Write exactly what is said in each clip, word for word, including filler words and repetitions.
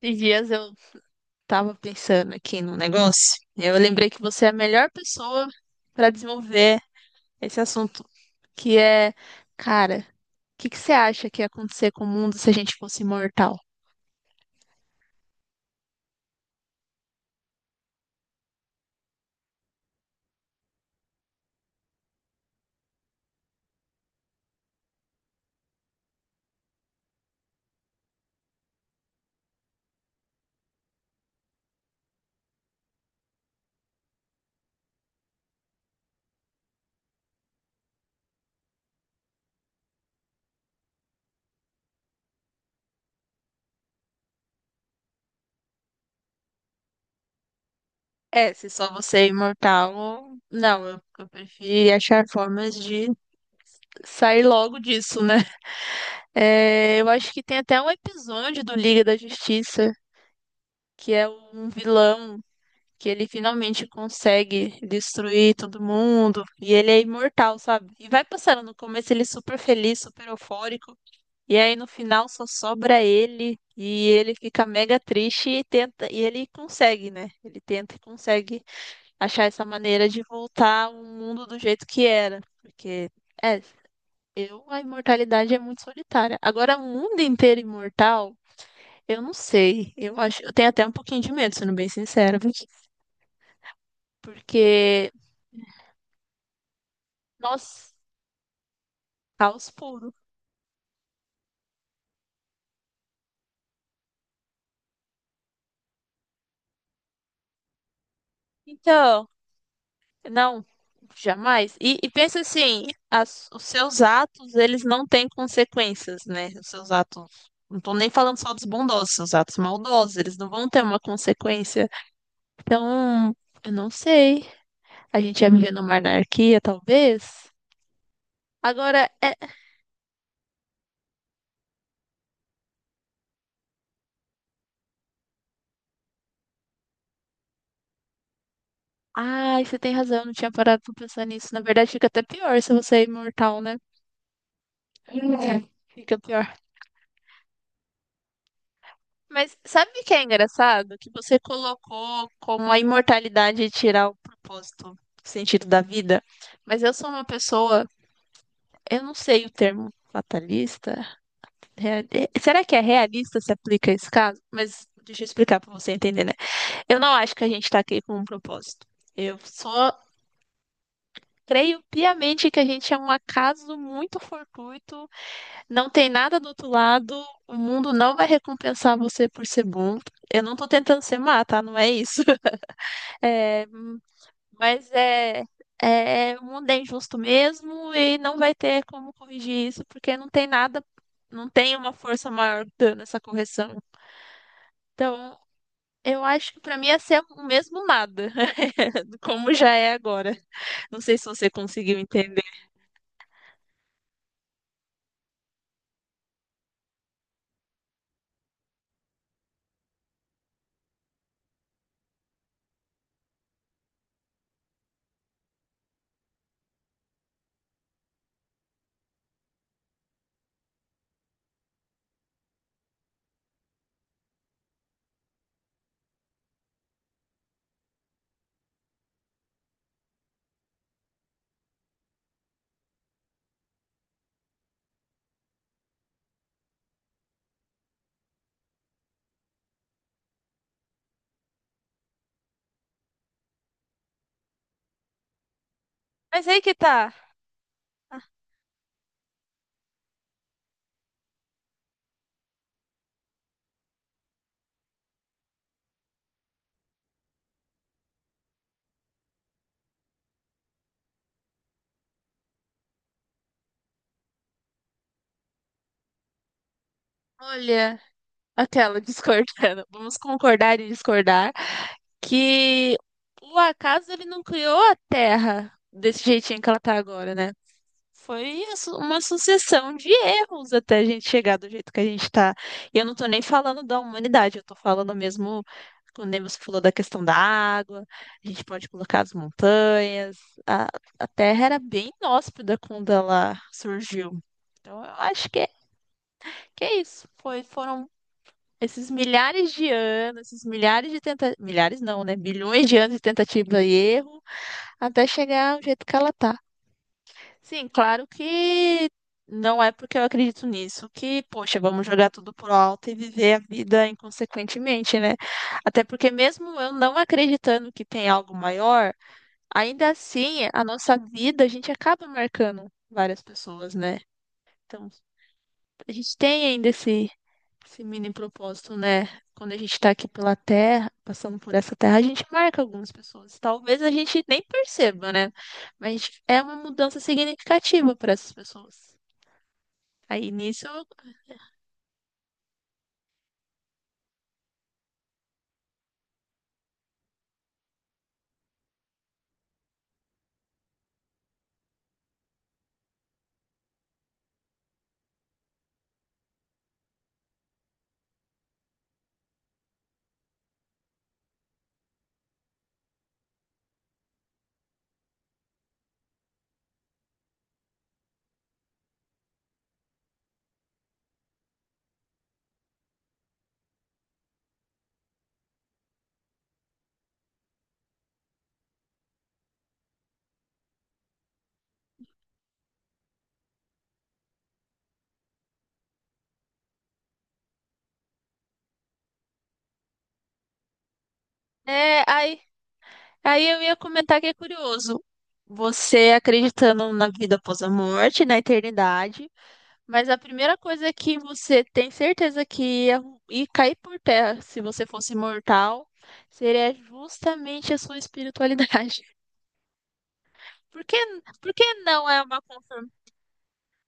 Esses dias eu tava pensando aqui num negócio. Eu lembrei que você é a melhor pessoa para desenvolver esse assunto, que é, cara, o que que você acha que ia acontecer com o mundo se a gente fosse imortal? É, se só você é imortal, não, eu, eu prefiro achar formas de sair logo disso, né? É, eu acho que tem até um episódio do Liga da Justiça que é um vilão que ele finalmente consegue destruir todo mundo e ele é imortal, sabe? E vai passando no começo ele é super feliz, super eufórico, e aí no final só sobra ele e ele fica mega triste e tenta e ele consegue, né? Ele tenta e consegue achar essa maneira de voltar ao mundo do jeito que era, porque é, eu a imortalidade é muito solitária. Agora o mundo inteiro imortal eu não sei. Eu acho, eu tenho até um pouquinho de medo, sendo bem sincera. Porque, nossa, caos puro. Então, não, jamais. E, e pensa assim, as- os seus atos, eles não têm consequências, né? Os seus atos, não tô nem falando só dos bondosos, seus atos maldosos, eles não vão ter uma consequência. Então, eu não sei. A gente ia viver numa anarquia, talvez. Agora, é... Ai, você tem razão, eu não tinha parado pra pensar nisso. Na verdade, fica até pior se você é imortal, né? É. Fica pior. Mas sabe o que é engraçado? Que você colocou como a imortalidade tirar o propósito, o sentido da vida. Mas eu sou uma pessoa, eu não sei o termo fatalista. rea- eh, Será que é realista se aplica a esse caso? Mas deixa eu explicar para você entender, né? Eu não acho que a gente está aqui com um propósito. Eu só creio piamente que a gente é um acaso muito fortuito, não tem nada do outro lado, o mundo não vai recompensar você por ser bom. Eu não tô tentando ser má, tá? Não é isso. É, mas é, é, o mundo é injusto mesmo e não vai ter como corrigir isso, porque não tem nada, não tem uma força maior dando essa correção. Então, eu acho que para mim ia ser o mesmo nada, como já é agora. Não sei se você conseguiu entender. Mas aí que tá. Olha, aquela discordando. Vamos concordar e discordar que o acaso ele não criou a Terra desse jeitinho que ela tá agora, né? Foi asso- uma sucessão de erros até a gente chegar do jeito que a gente está. E eu não estou nem falando da humanidade, eu estou falando mesmo, quando você falou da questão da água, a gente pode colocar as montanhas, a, a Terra era bem inóspita quando ela surgiu. Então eu acho que é, que é isso. Foi, foram esses milhares de anos, esses milhares de tentativas, milhares não, né? Bilhões de anos de tentativa e erro, até chegar ao jeito que ela está. Sim, claro que não é porque eu acredito nisso que, poxa, vamos jogar tudo pro alto e viver a vida inconsequentemente, né? Até porque mesmo eu não acreditando que tem algo maior, ainda assim, a nossa vida, a gente acaba marcando várias pessoas, né? Então, a gente tem ainda esse esse mini propósito, né? Quando a gente tá aqui pela terra, passando por essa terra, a gente marca algumas pessoas. Talvez a gente nem perceba, né? Mas é uma mudança significativa para essas pessoas. Aí nisso, é, aí, aí eu ia comentar que é curioso. Você acreditando na vida após a morte, na eternidade, mas a primeira coisa que você tem certeza que ia, ia cair por terra se você fosse mortal seria justamente a sua espiritualidade. Por que, por que não é uma confirmação?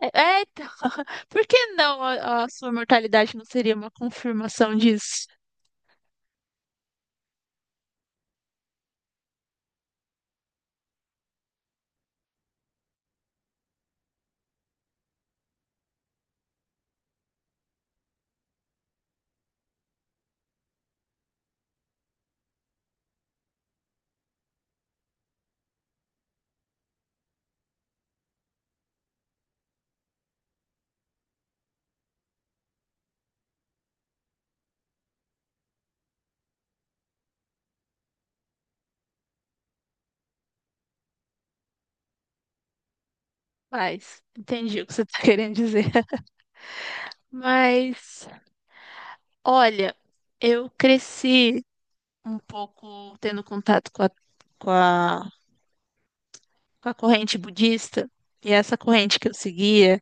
É, é, então, por que não a, a sua mortalidade não seria uma confirmação disso? Mas, entendi o que você está querendo dizer. Mas, olha, eu cresci um pouco tendo contato com a, com a, com a corrente budista, e essa corrente que eu seguia.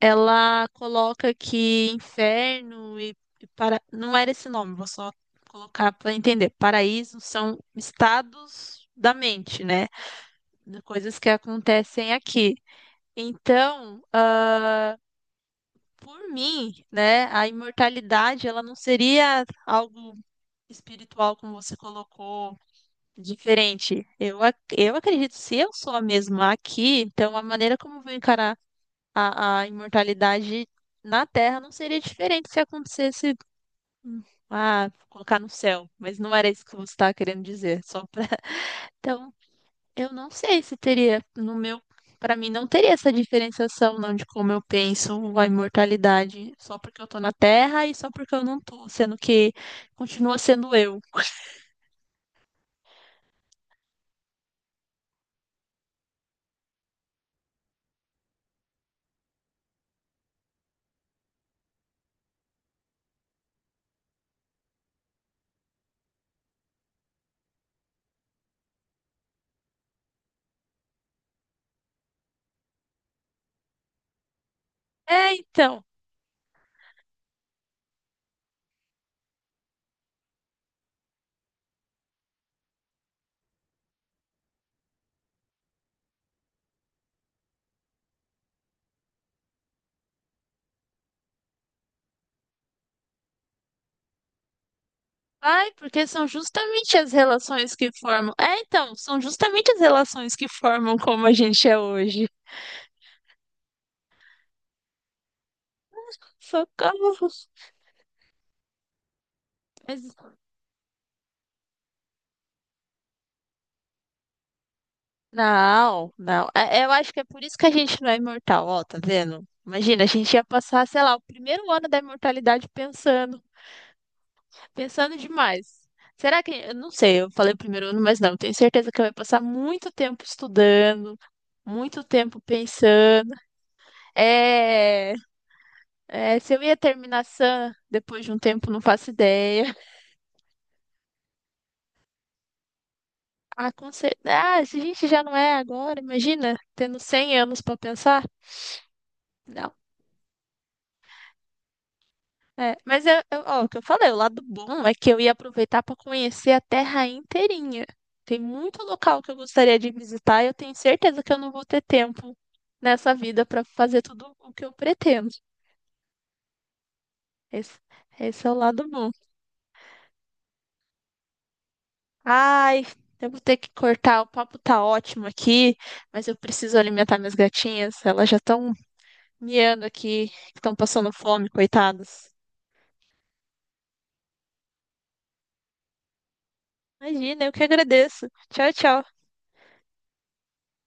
Ela coloca que inferno e, e para... Não era esse nome, vou só colocar para entender. Paraíso são estados da mente, né? De coisas que acontecem aqui. Então, ah, por mim, né, a imortalidade, ela não seria algo espiritual, como você colocou, diferente. Eu, ac- eu acredito, se eu sou a mesma aqui, então a maneira como eu vou encarar a, a imortalidade na Terra não seria diferente se acontecesse, hum, ah, colocar no céu, mas não era isso que você estava querendo dizer, só pra... Então, eu não sei se teria, no meu, para mim não teria essa diferenciação não de como eu penso a imortalidade, só porque eu tô na Terra e só porque eu não tô, sendo que continua sendo eu. É, então. Ai, porque são justamente as relações que formam. É, então, são justamente as relações que formam como a gente é hoje. Socorro! Mas não, não. É- Eu acho que é por isso que a gente não é imortal, ó, tá vendo? Imagina, a gente ia passar, sei lá, o primeiro ano da imortalidade pensando, pensando demais. Será que, eu não sei, eu falei primeiro ano, mas não, tenho certeza que eu ia passar muito tempo estudando, muito tempo pensando. É, é, se eu ia terminar sã depois de um tempo, não faço ideia. Ah, com certeza. Ah, se a gente já não é agora, imagina, tendo cem anos pra pensar. É, mas eu, eu- ó, o que eu falei, o lado bom é que eu ia aproveitar para conhecer a terra inteirinha. Tem muito local que eu gostaria de visitar e eu tenho certeza que eu não vou ter tempo nessa vida para fazer tudo o que eu pretendo. Esse, esse é o lado bom. Ai, eu vou ter que cortar, o papo tá ótimo aqui, mas eu preciso alimentar minhas gatinhas, elas já estão miando aqui, estão passando fome, coitadas. Imagina, eu que agradeço. Tchau, tchau.